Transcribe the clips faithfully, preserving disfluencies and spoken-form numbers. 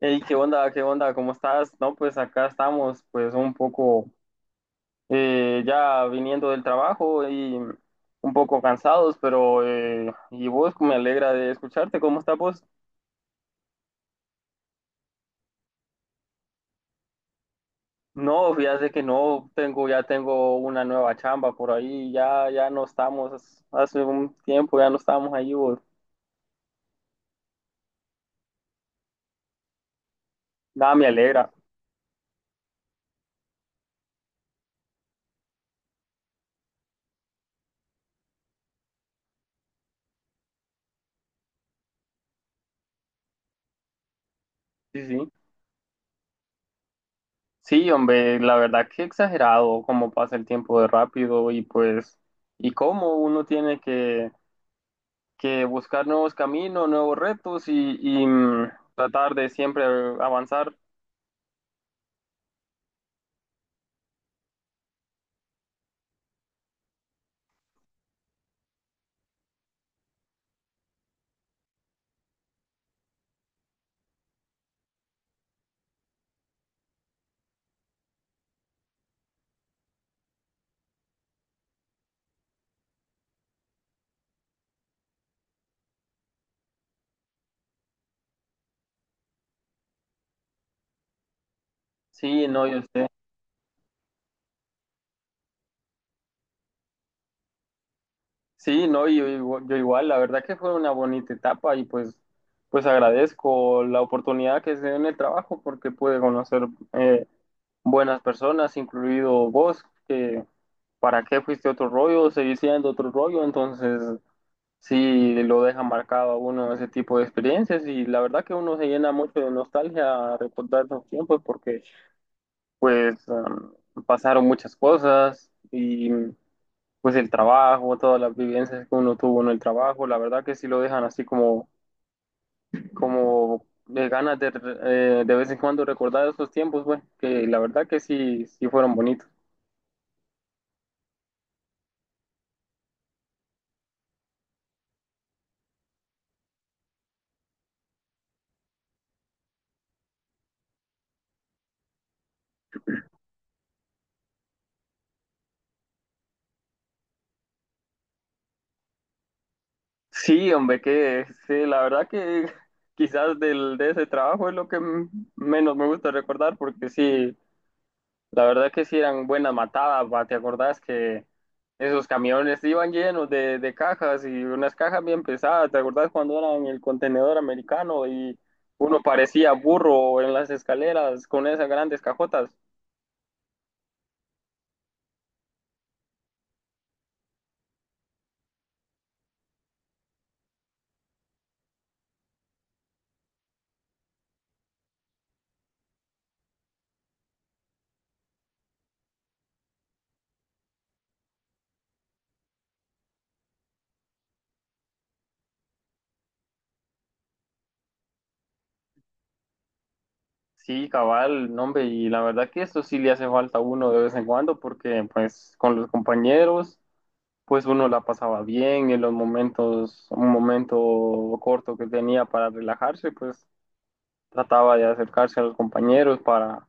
Hey, ¿qué onda? ¿Qué onda? ¿Cómo estás? No, pues acá estamos, pues un poco eh, ya viniendo del trabajo y un poco cansados, pero eh, y vos me alegra de escucharte. ¿Cómo estás vos? No, fíjate que no tengo, ya tengo una nueva chamba por ahí, ya, ya no estamos, hace un tiempo ya no estamos ahí, vos. Nada, me alegra. Sí, sí. Sí, hombre, la verdad que exagerado cómo pasa el tiempo de rápido y pues, y cómo uno tiene que que buscar nuevos caminos, nuevos retos y, y, mm, tratar de siempre avanzar. Sí, no, yo sé. Sí, no, yo, igu- yo igual. La verdad que fue una bonita etapa y pues, pues agradezco la oportunidad que se dio en el trabajo porque pude conocer eh, buenas personas, incluido vos, que para qué fuiste otro rollo, seguí siendo otro rollo, entonces sí lo deja marcado a uno ese tipo de experiencias y la verdad que uno se llena mucho de nostalgia a recordar esos tiempos porque pues um, pasaron muchas cosas y pues el trabajo, todas las vivencias que uno tuvo en el trabajo, la verdad que sí lo dejan así como, como de ganas de, re- eh, de vez en cuando recordar esos tiempos, güey, que la verdad que sí, sí fueron bonitos. Sí, hombre, que sí, la verdad que quizás del, de ese trabajo es lo que m- menos me gusta recordar porque sí. La verdad que sí eran buenas matadas, va. ¿Te acordás que esos camiones iban llenos de, de cajas y unas cajas bien pesadas? ¿Te acordás cuando eran el contenedor americano y uno parecía burro en las escaleras con esas grandes cajotas? Sí, cabal, no, hombre, y la verdad que esto sí le hace falta a uno de vez en cuando porque pues con los compañeros pues uno la pasaba bien en los momentos, un momento corto que tenía para relajarse, pues trataba de acercarse a los compañeros para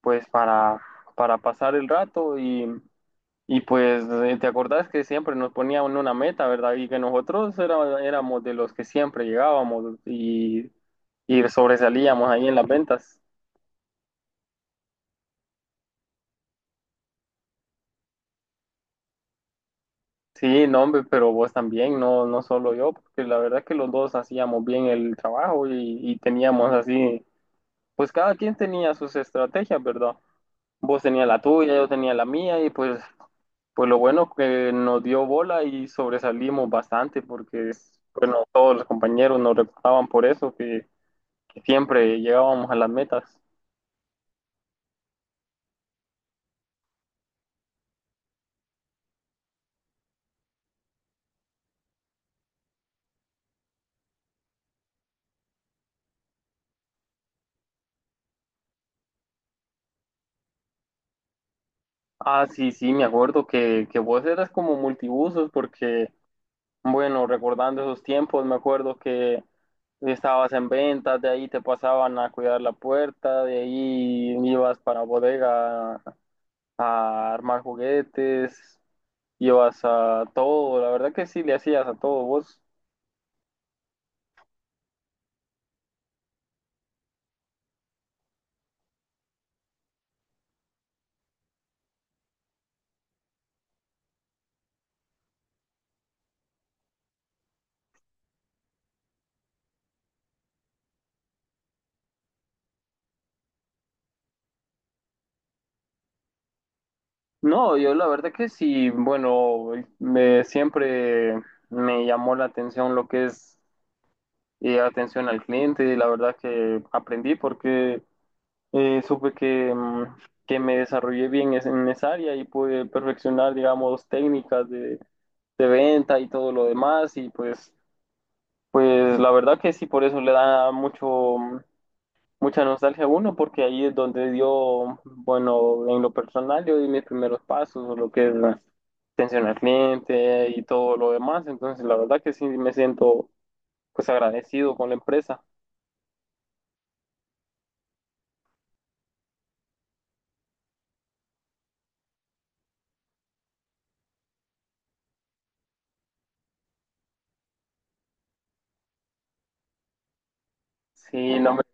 pues para, para pasar el rato y, y pues eh, te acordás que siempre nos ponían una meta, ¿verdad? Y que nosotros era- éramos de los que siempre llegábamos y, y sobresalíamos ahí en las ventas. Sí, no, hombre, pero vos también, no, no solo yo, porque la verdad es que los dos hacíamos bien el trabajo y, y teníamos así, pues cada quien tenía sus estrategias, ¿verdad? Vos tenías la tuya, yo tenía la mía y pues Pues lo bueno que nos dio bola y sobresalimos bastante porque, bueno, todos los compañeros nos recordaban por eso, que, que siempre llegábamos a las metas. Ah, sí, sí, me acuerdo que, que vos eras como multibusos porque, bueno, recordando esos tiempos, me acuerdo que estabas en ventas, de ahí te pasaban a cuidar la puerta, de ahí ibas para bodega a armar juguetes, ibas a todo, la verdad que sí le hacías a todo vos. No, yo la verdad que sí, bueno, me siempre me llamó la atención lo que es eh, atención al cliente y la verdad que aprendí porque eh, supe que, mm, que me desarrollé bien es- en esa área y pude perfeccionar, digamos, técnicas de, de venta y todo lo demás y pues, pues la verdad que sí, por eso le da mucho, Mucha nostalgia uno porque ahí es donde dio, bueno, en lo personal yo di mis primeros pasos, lo que es la atención al cliente y todo lo demás. Entonces, la verdad que sí me siento pues agradecido con la empresa. Sí, no, ujú. Hombre,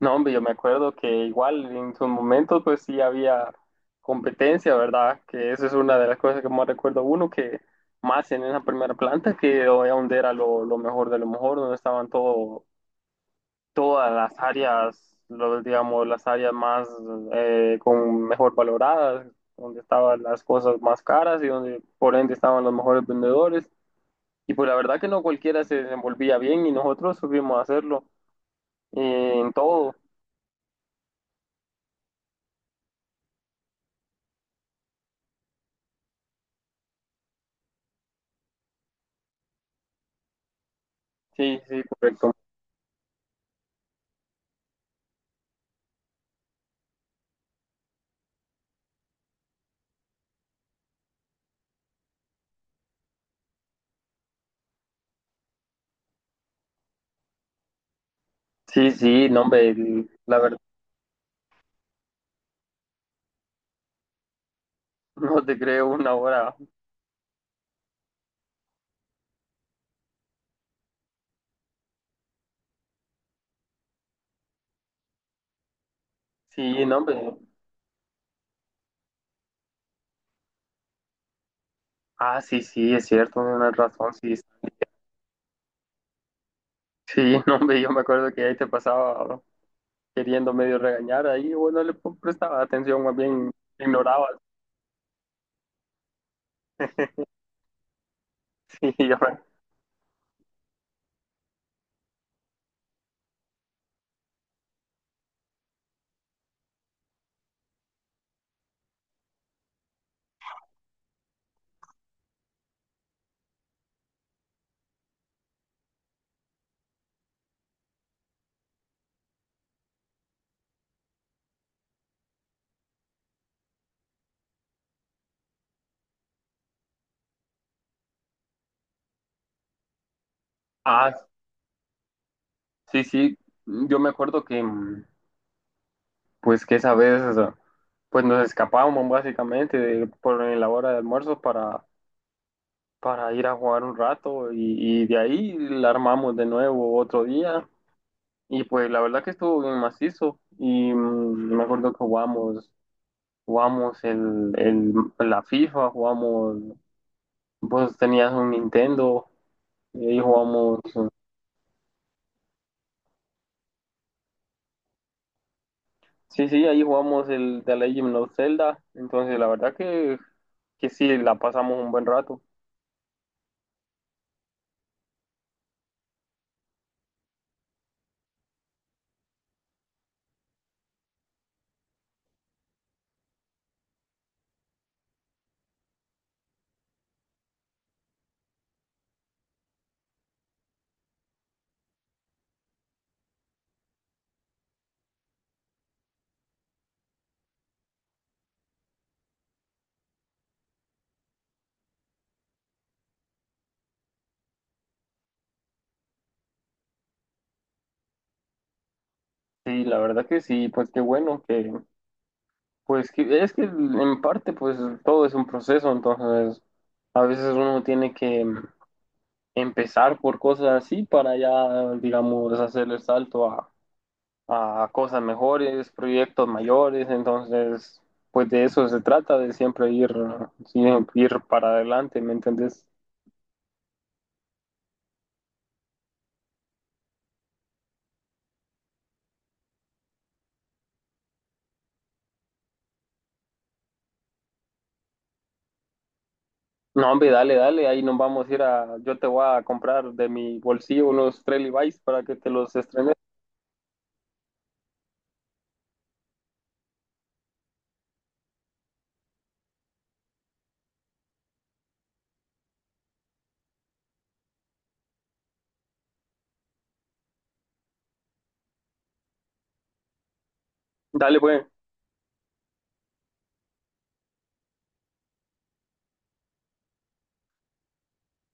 no, hombre, yo me acuerdo que igual en su momento pues sí había competencia, ¿verdad? Que eso es una de las cosas que más recuerdo uno, que más en esa primera planta, que era donde era lo, lo mejor de lo mejor, donde estaban todos todas las áreas, lo- digamos, las áreas más eh, con mejor valoradas, donde estaban las cosas más caras y donde por ende estaban los mejores vendedores. Y pues la verdad que no cualquiera se desenvolvía bien y nosotros supimos hacerlo eh, en todo. Sí, sí, correcto. Sí, sí, no, hombre, el- la verdad, no te creo una hora. Sí, no, hombre. Ah, sí, sí, es cierto, tienes razón, sí. Sí, no, hombre, yo me acuerdo que ahí te pasaba queriendo medio regañar ahí, bueno, le prestaba atención, más bien ignoraba. Sí, yo me- Ah, sí, sí, yo me acuerdo que, mm, pues, que esa vez, o sea, pues, nos escapábamos básicamente de- por en la hora de almuerzo para, para, ir a jugar un rato y, y de ahí la armamos de nuevo otro día y, pues, la verdad que estuvo bien macizo y mm, me acuerdo que jugamos, jugamos el, el, la FIFA, jugamos, vos tenías un Nintendo. Y ahí jugamos, sí, sí, ahí jugamos el The Legend of Zelda. Entonces, la verdad que, que sí, la pasamos un buen rato. Sí, la verdad que sí, pues qué bueno que, pues que, es que en parte, pues todo es un proceso, entonces a veces uno tiene que empezar por cosas así para ya, digamos, hacer el salto a, a, cosas mejores, proyectos mayores, entonces, pues de eso se trata, de siempre ir, siempre ir para adelante, ¿me entendés? No, hombre, dale, dale, ahí nos vamos a ir a, yo te voy a comprar de mi bolsillo unos tres Levi's para que te los estrenes. Dale, pues.